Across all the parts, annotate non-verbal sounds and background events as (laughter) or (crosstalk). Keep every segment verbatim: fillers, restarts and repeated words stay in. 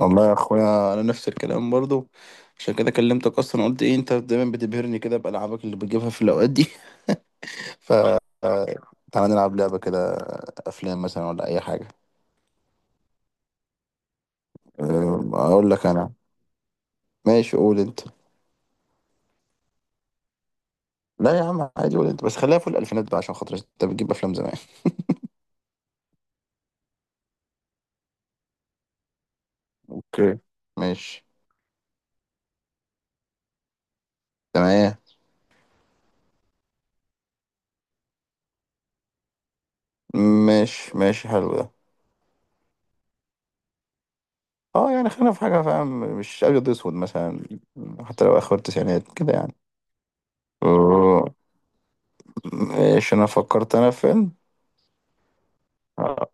والله يا اخويا انا نفس الكلام برضو. عشان كده كلمتك اصلا، قلت ايه انت دايما بتبهرني كده بالعابك اللي بتجيبها في الاوقات دي. (laughs) ف تعالى نلعب لعبه كده، افلام مثلا ولا اي حاجه. أه، اقول لك انا. ماشي قول انت. لا يا عم عادي، قول انت بس خليها في الالفينات بقى عشان خاطر انت بتجيب افلام زمان. اوكي. ماشي. تمام. ماشي ماشي حلو ده. اه يعني خلينا في حاجه فاهم، مش ابيض اسود مثلا. حتى لو اخر التسعينات كده يعني. أه، ماشي انا فكرت انا في فيلم.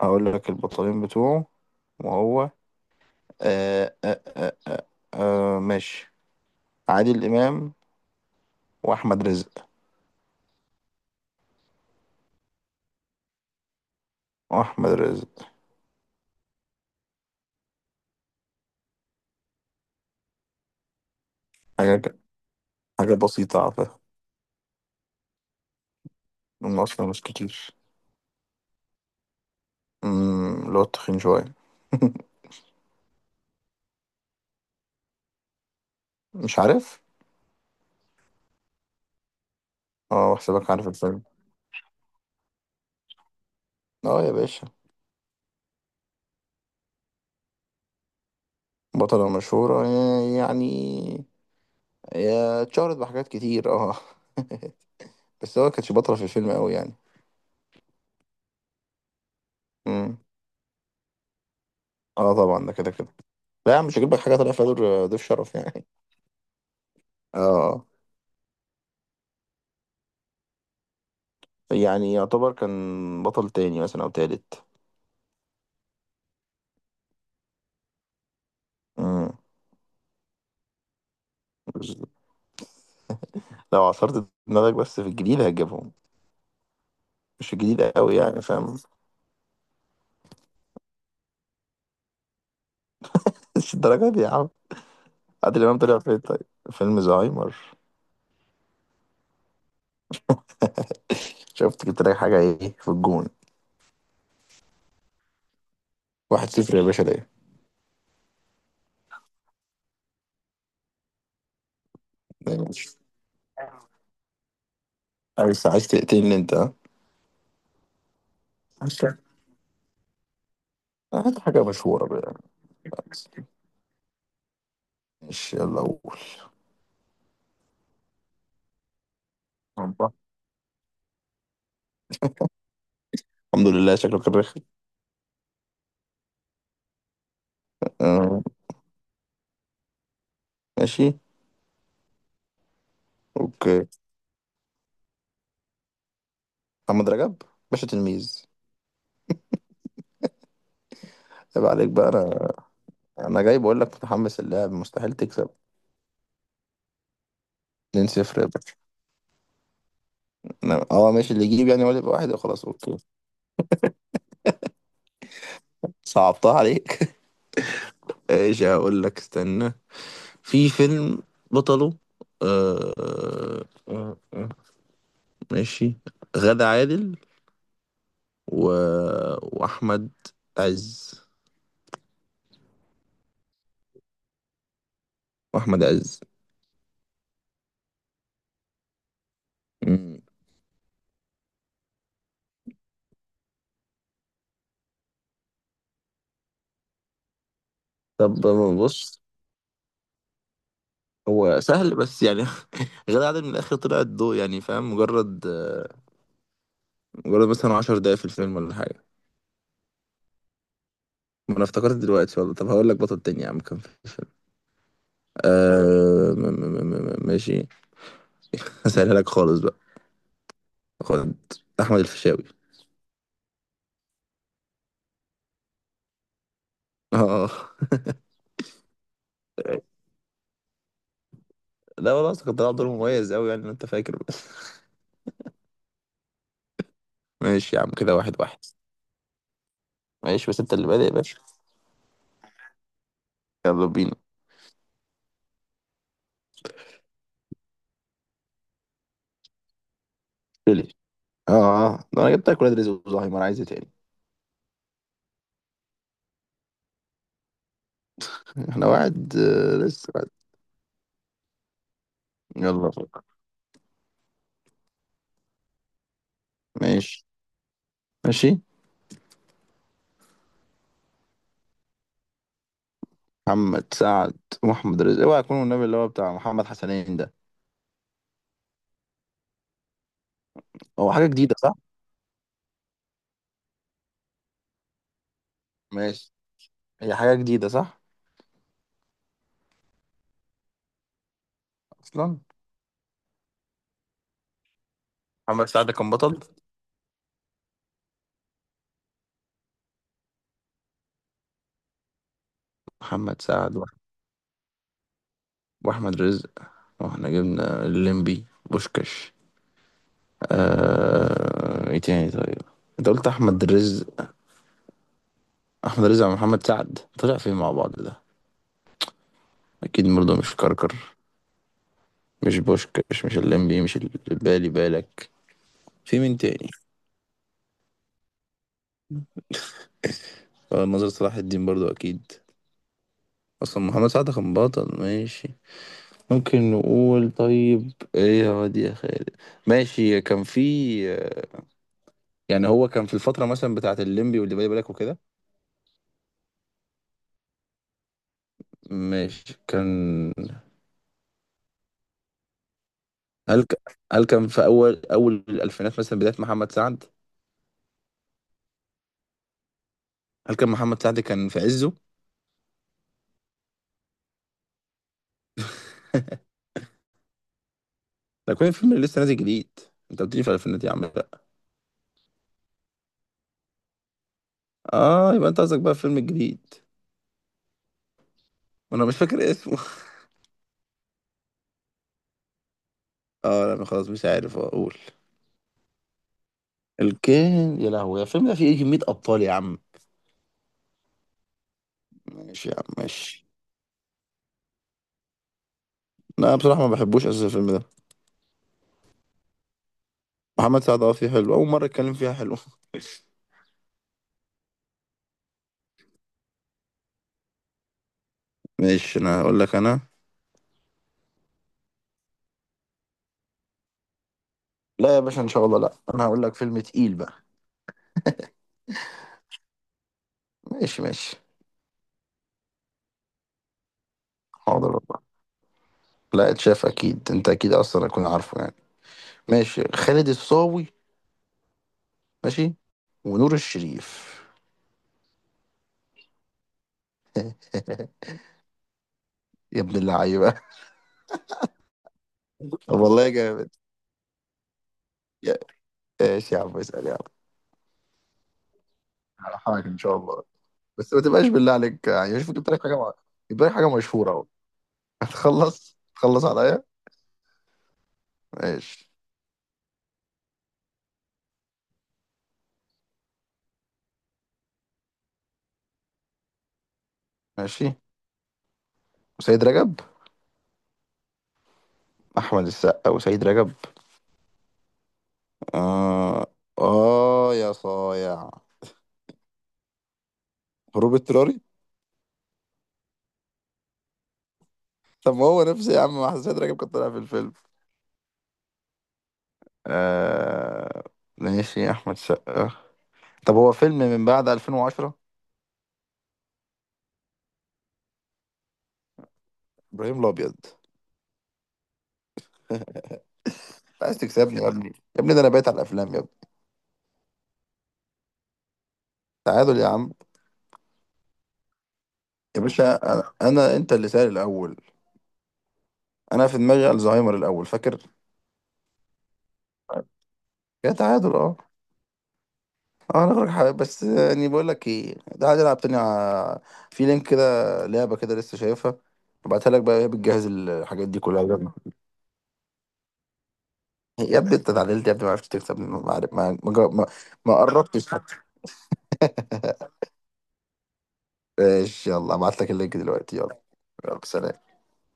هقول لك البطلين بتوعه وهو آه آه آه آه آه ماشي. عادل إمام وأحمد رزق. وأحمد رزق. حاجة ك- حاجة بسيطة على فكرة، هم أصلا مش كتير. أمم، اللي هو التخين شوية. (laughs) مش عارف؟ اه حسابك عارف الفيلم. اه يا باشا. بطلة مشهورة آه، يعني هي اتشهرت بحاجات كتير اه. (laughs) بس هو كانتش بطلة في الفيلم قوي يعني. أمم. اه طبعا ده كده كده. لا يا عم، مش هجيب لك حاجة طالع فيها دور، آه، ضيف شرف يعني. اه آه. يعني يعتبر كان بطل تاني مثلا او تالت. امم لو عصرت دماغك بس، في الجديد هتجيبهم. مش في الجديد قوي يعني فاهم. (laughs) مش الدرجه دي يا عم. عادل امام طلع في طيب فيلم زهايمر. (laughs) شفت جبت لك حاجه ايه في الجون. واحد صفر يا باشا ليه. دايما. عايز عايز تقتلني انت ها. عايز تقتلني. هات حاجه مشهوره بقى يعني. ماشي يلا قول. الله. الحمد لله شكلك الرخم. آه، ماشي. اوكي. محمد رجب. باشا تلميذ. يبقى عليك بقى. انا انا جاي بقول لك متحمس اللعب، مستحيل تكسب. اتنين صفر يا باشا. أنا- اه ماشي، اللي يجيب يعني هو اللي يبقى واحد خلاص، اوكي. صعبتها عليك. (laughs) ايش هقول لك، استنى. في فيلم، بطله آه آه آه ماشي، غادة عادل و... واحمد عز. واحمد عز. مم. طب بص، هو سهل بس يعني. (laughs) غادة عادل من الاخر طلعت ضوء يعني فاهم، مجرد آه، مجرد مثلا 10 دقايق في الفيلم ولا حاجة. ما انا افتكرت دلوقتي والله. طب هقول لك بطل تاني يا عم كان في الفيلم. آه م م م م م- ماشي. (laughs) هسألها لك خالص بقى. خد، احمد الفيشاوي. (laughs) اه. لا والله اصل كان طلع دور مميز قوي يعني انت فاكر. (laughs) بس. ماشي يا عم، كده واحد واحد. ماشي بس انت اللي بادئ يا باشا. يلا بينا. ليه؟ اه آه. ده انا جبت لك ولاد رزق وزهايمر، عايز ايه تاني. (laughs) احنا واحد آه، لسه واحد. يلا فوق. ماشي. ماشي. محمد سعد ومحمد رزق، اوعى يكون النبي اللي هو بتاع محمد حسنين ده. هو حاجة جديدة صح؟ ماشي. هي حاجة جديدة صح أصلا. محمد سعد كان بطل. محمد سعد وأح- واحمد رزق. واحنا جبنا الليمبي، بوشكاش. آه... ايه تاني طيب. انت قلت احمد رزق. احمد رزق مع محمد سعد طلع فين مع بعض ده. اكيد برضه مش كركر، مش بوشكاش، مش الليمبي، مش ال- بالي بالك. في مين تاني. آه، ناظر صلاح الدين برضه اكيد. اصلا محمد سعد كان بطل ماشي. ممكن نقول طيب ايه يا واد يا خالد. ماشي كان في، يعني هو كان في الفترة مثلا بتاعة الليمبي واللي بالي بالك وكده. مش كان. هل ك... هل كان في أول أول الألفينات مثلا بداية محمد سعد؟ هل كان محمد سعد كان في عزه؟ (laughs) ده كان الفيلم اللي لسه نازل جديد. أنت بتيجي في الألفينات يا عم لا. آه يبقى أنت قصدك بقى الفيلم الجديد، وأنا مش فاكر اسمه. (laughs) آه لا خلاص مش عارف أقول. الكين يا لهوي. الفيلم ده فيه إيه كمية أبطال يا عم. ماشي يا عم ماشي. لا بصراحة ما بحبوش أساسا الفيلم ده. محمد سعد أه فيه حلو، أول مرة أتكلم فيها حلو. (laughs) ماشي أنا هقول لك أنا. لا يا باشا ان شاء الله، لا انا هقول لك فيلم تقيل بقى. ماشي ماشي. حاضر والله. لا اتشاف اكيد، انت اكيد اصلا هكون عارفه يعني. ماشي. خالد الصاوي. ماشي. ونور الشريف. (laughs) يا ابن اللعيبه. (laughs) طب والله جامد. يا- ماشي يا عم، اسال يا عم، على حاجه ان شاء الله، بس ما تبقاش بالله عليك يعني، شوف جبت لك حاجه مع... يبقى لك حاجه مشهوره اهو. (laughs) هتخلص هتخلص عليا. ماشي. ماشي. وسيد رجب. احمد السقا وسيد رجب. اه. اه يا صايع. هروب اضطراري. طب ما هو نفسي يا عم، ما حسيت راجل كان طالع في الفيلم. آه... ماشي، احمد سقا. طب هو فيلم من بعد ألفين وعشرة. ابراهيم الابيض. عايز تكسبني يا ابني يا ابني، ده انا بايت على الافلام يا ابني. تعادل يا عم. يا باشا انا, أنا انت اللي سائل الاول. انا في دماغي الزهايمر الاول فاكر. يا تعادل اه. اه انا غيرك حبيبي، بس يعني بقول لك ايه تعالى نلعب تاني. ع- في لينك كده، لعبه كده لسه شايفها، ابعتها لك بقى، وهي بتجهز الحاجات دي كلها. يا ابني انت اتعدلت يا ابني، ما عرفتش تكسب، ما عرف- ما ما, ما ما قربتش. (laughs) ماشي يلا ابعت لك اللينك دلوقتي يلا. يلا سلام.